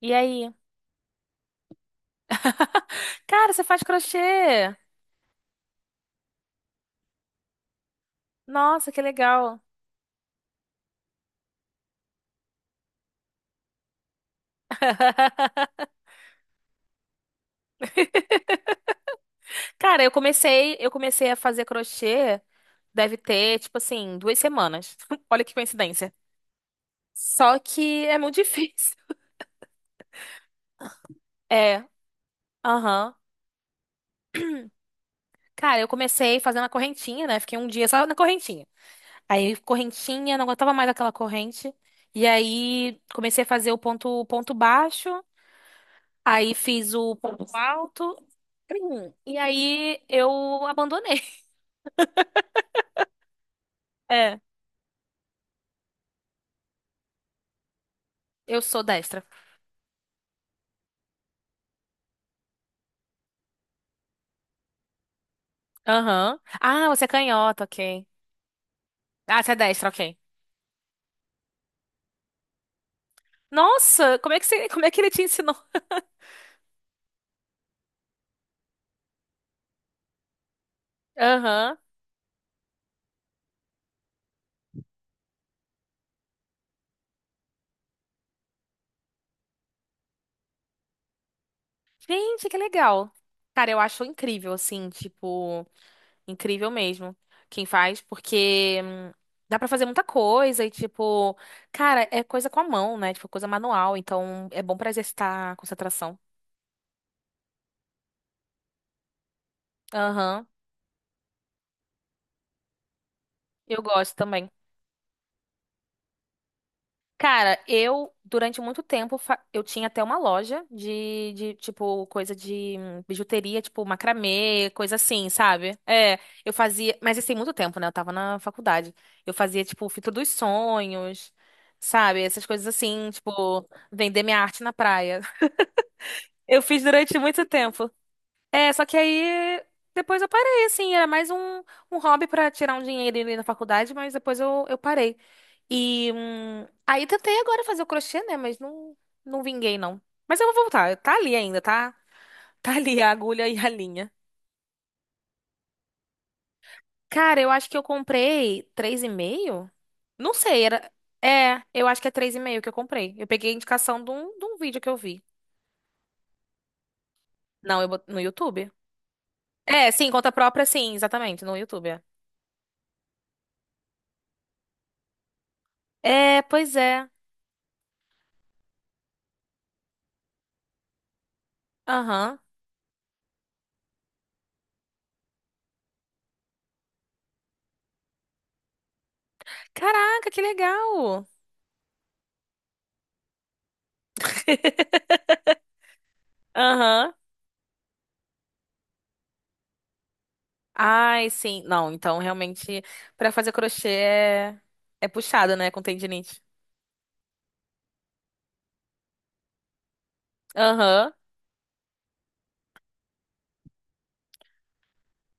E aí? Cara, você faz crochê? Nossa, que legal. Cara, eu comecei a fazer crochê, deve ter, tipo assim, duas semanas. Olha que coincidência. Só que é muito difícil. É, aham. Cara, eu comecei fazendo a correntinha, né? Fiquei um dia só na correntinha. Aí, correntinha, não aguentava mais aquela corrente. E aí, comecei a fazer o ponto, ponto baixo. Aí, fiz o ponto alto. E aí, eu abandonei. É, eu sou destra. Aham. Ah, você é canhota, ok. Ah, você é destra, ok. Nossa, como é que ele te ensinou? Aham. Gente, que legal. Cara, eu acho incrível, assim, tipo, incrível mesmo quem faz, porque dá pra fazer muita coisa e, tipo, cara, é coisa com a mão, né? Tipo, coisa manual, então é bom pra exercitar a concentração. Aham. Eu gosto também. Cara, eu, durante muito tempo, eu tinha até uma loja de tipo, coisa de bijuteria, tipo, macramê, coisa assim, sabe? É, eu fazia, mas isso tem muito tempo, né? Eu tava na faculdade. Eu fazia, tipo, fita dos sonhos, sabe? Essas coisas assim, tipo, vender minha arte na praia. Eu fiz durante muito tempo. É, só que aí depois eu parei, assim, era mais um hobby pra tirar um dinheirinho ali na faculdade, mas depois eu parei. E aí tentei agora fazer o crochê, né? Mas não, não vinguei, não. Mas eu vou voltar, tá ali ainda, tá? Tá ali a agulha e a linha. Cara, eu acho que eu comprei três e meio. Não sei, era. É, eu acho que é três e meio que eu comprei. Eu peguei a indicação de um vídeo que eu vi. Não, eu, no YouTube. É, sim, conta própria, sim, exatamente, no YouTube. É. É, pois é. Aham. Caraca, que legal! Aham. Ai, sim. Não, então realmente pra fazer crochê é, é puxado, né, com tendinite. Aham.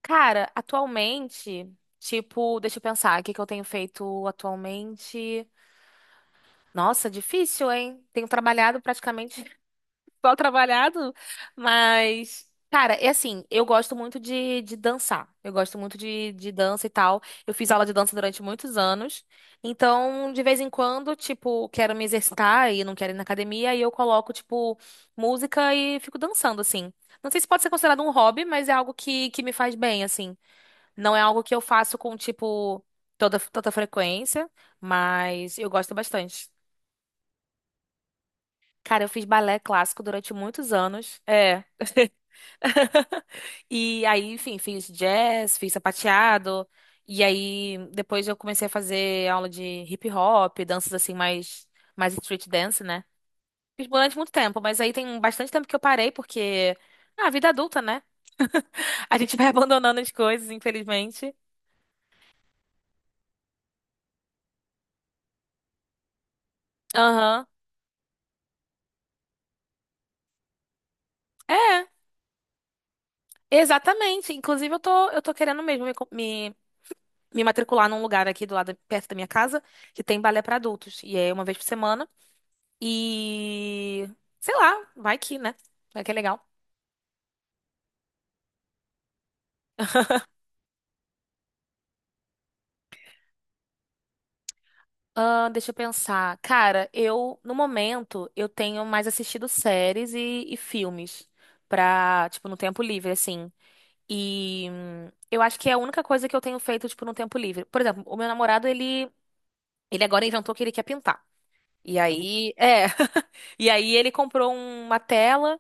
Cara, atualmente, tipo, deixa eu pensar, o que que eu tenho feito atualmente? Nossa, difícil, hein? Tenho trabalhado praticamente mal trabalhado, mas. Cara, é assim, eu gosto muito de dançar. Eu gosto muito de dança e tal. Eu fiz aula de dança durante muitos anos. Então, de vez em quando, tipo, quero me exercitar e não quero ir na academia, e eu coloco, tipo, música e fico dançando, assim. Não sei se pode ser considerado um hobby, mas é algo que me faz bem, assim. Não é algo que eu faço com, tipo, toda, tanta frequência, mas eu gosto bastante. Cara, eu fiz balé clássico durante muitos anos. É. E aí, enfim, fiz jazz, fiz sapateado. E aí, depois eu comecei a fazer aula de hip hop, danças assim, mais, mais street dance, né? Fiz durante muito tempo, mas aí tem bastante tempo que eu parei, porque. Ah, vida adulta, né? A gente vai abandonando as coisas, infelizmente. Aham. É, exatamente. Inclusive, eu tô querendo mesmo me matricular num lugar aqui do lado, perto da minha casa, que tem balé pra adultos. E é uma vez por semana. E sei lá, vai que, né? Vai que é legal. Ah, deixa eu pensar. Cara, eu, no momento, eu tenho mais assistido séries e filmes pra, tipo, no tempo livre, assim. E eu acho que é a única coisa que eu tenho feito, tipo, no tempo livre. Por exemplo, o meu namorado, ele agora inventou que ele quer pintar. E aí, é. E aí ele comprou uma tela.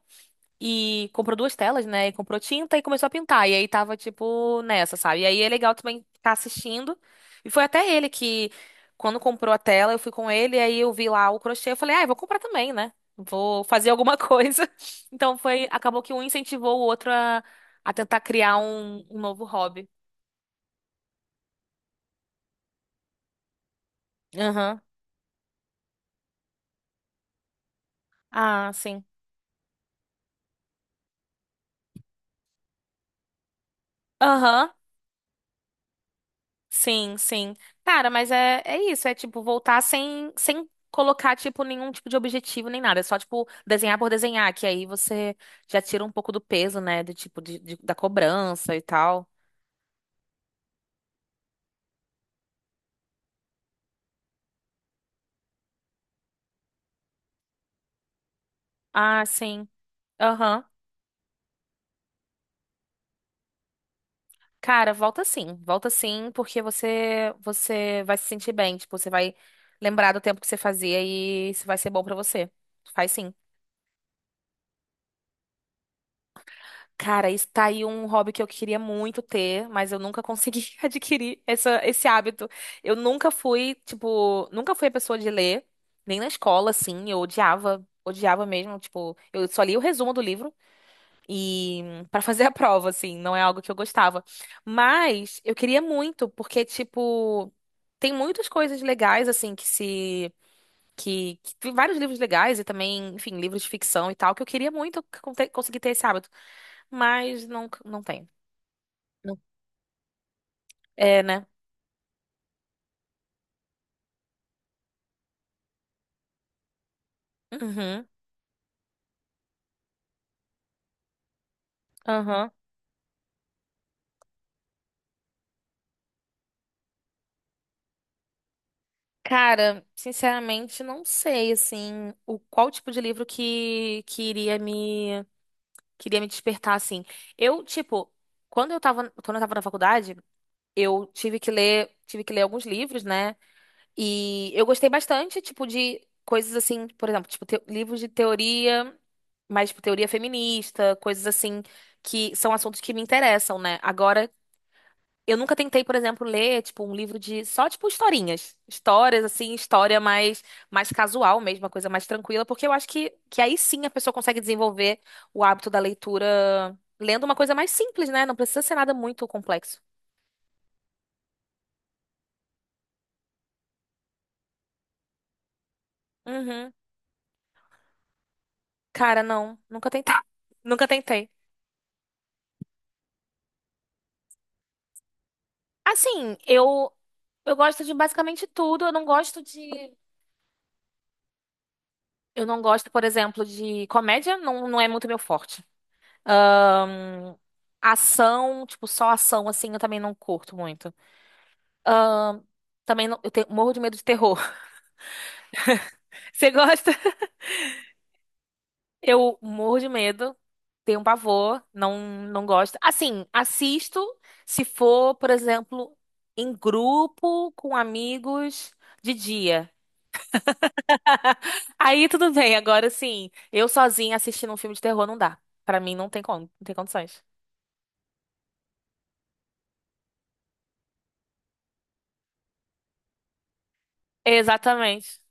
E comprou duas telas, né? E comprou tinta e começou a pintar. E aí tava, tipo, nessa, sabe? E aí é legal também ficar assistindo. E foi até ele que, quando comprou a tela, eu fui com ele, e aí eu vi lá o crochê, eu falei, ah, eu vou comprar também, né? Vou fazer alguma coisa. Então foi, acabou que um incentivou o outro a tentar criar um novo hobby. Aham. Ah, sim. Aham. Sim, sim. Cara, mas é, é isso, é tipo voltar sem colocar tipo nenhum tipo de objetivo nem nada, é só tipo desenhar por desenhar, que aí você já tira um pouco do peso, né, do tipo da cobrança e tal. Ah, sim. Aham. Cara, volta sim, porque você vai se sentir bem, tipo, você vai lembrar do tempo que você fazia e isso vai ser bom pra você. Faz sim. Cara, isso tá aí um hobby que eu queria muito ter, mas eu nunca consegui adquirir essa, esse hábito. Eu nunca fui, tipo, nunca fui a pessoa de ler, nem na escola, assim. Eu odiava, odiava mesmo. Tipo, eu só li o resumo do livro e pra fazer a prova, assim, não é algo que eu gostava. Mas eu queria muito, porque, tipo, tem muitas coisas legais, assim, que se. Vários livros legais e também, enfim, livros de ficção e tal, que eu queria muito conseguir ter esse hábito. Mas não, não tem. Não. É, né? Uhum, aham. Cara, sinceramente, não sei, assim, o qual tipo de livro que iria me despertar, assim. Eu, tipo, quando eu tava na faculdade, eu tive que ler alguns livros, né? E eu gostei bastante, tipo, de coisas assim, por exemplo, tipo, livros de teoria, mais, tipo, teoria feminista, coisas assim, que são assuntos que me interessam, né? Agora, eu nunca tentei, por exemplo, ler, tipo, um livro de só, tipo, historinhas. Histórias, assim, história mais, mais casual mesmo, uma coisa mais tranquila, porque eu acho que aí sim a pessoa consegue desenvolver o hábito da leitura lendo uma coisa mais simples, né? Não precisa ser nada muito complexo. Uhum. Cara, não, nunca tentei. Nunca tentei. Assim, eu gosto de basicamente tudo. Eu não gosto de eu não gosto, por exemplo, de comédia, não, não é muito meu forte. Ahn, ação, tipo, só ação, assim, eu também não curto muito. Também não- eu tenho- morro de medo de terror. Você gosta? Eu morro de medo, tenho pavor, não, não gosto. Assim, assisto se for, por exemplo, em grupo com amigos de dia. Aí tudo bem, agora sim, eu sozinha assistindo um filme de terror não dá. Pra mim não tem como, não tem condições. Exatamente.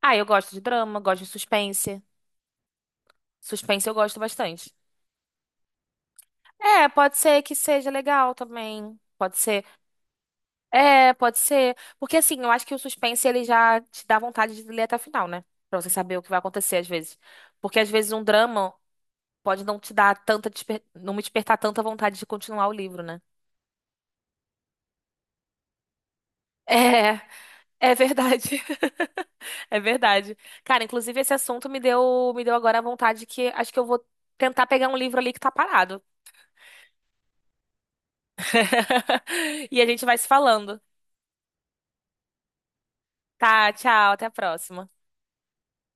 Ah, eu gosto de drama, gosto de suspense. Suspense eu gosto bastante. É, pode ser que seja legal também. Pode ser. É, pode ser. Porque assim, eu acho que o suspense ele já te dá vontade de ler até o final, né? Pra você saber o que vai acontecer às vezes. Porque às vezes um drama pode não te dar tanta desper... não me despertar tanta vontade de continuar o livro, né? É, é verdade. É verdade. Cara, inclusive esse assunto me deu agora a vontade que acho que eu vou tentar pegar um livro ali que tá parado. E a gente vai se falando. Tá, tchau, até a próxima.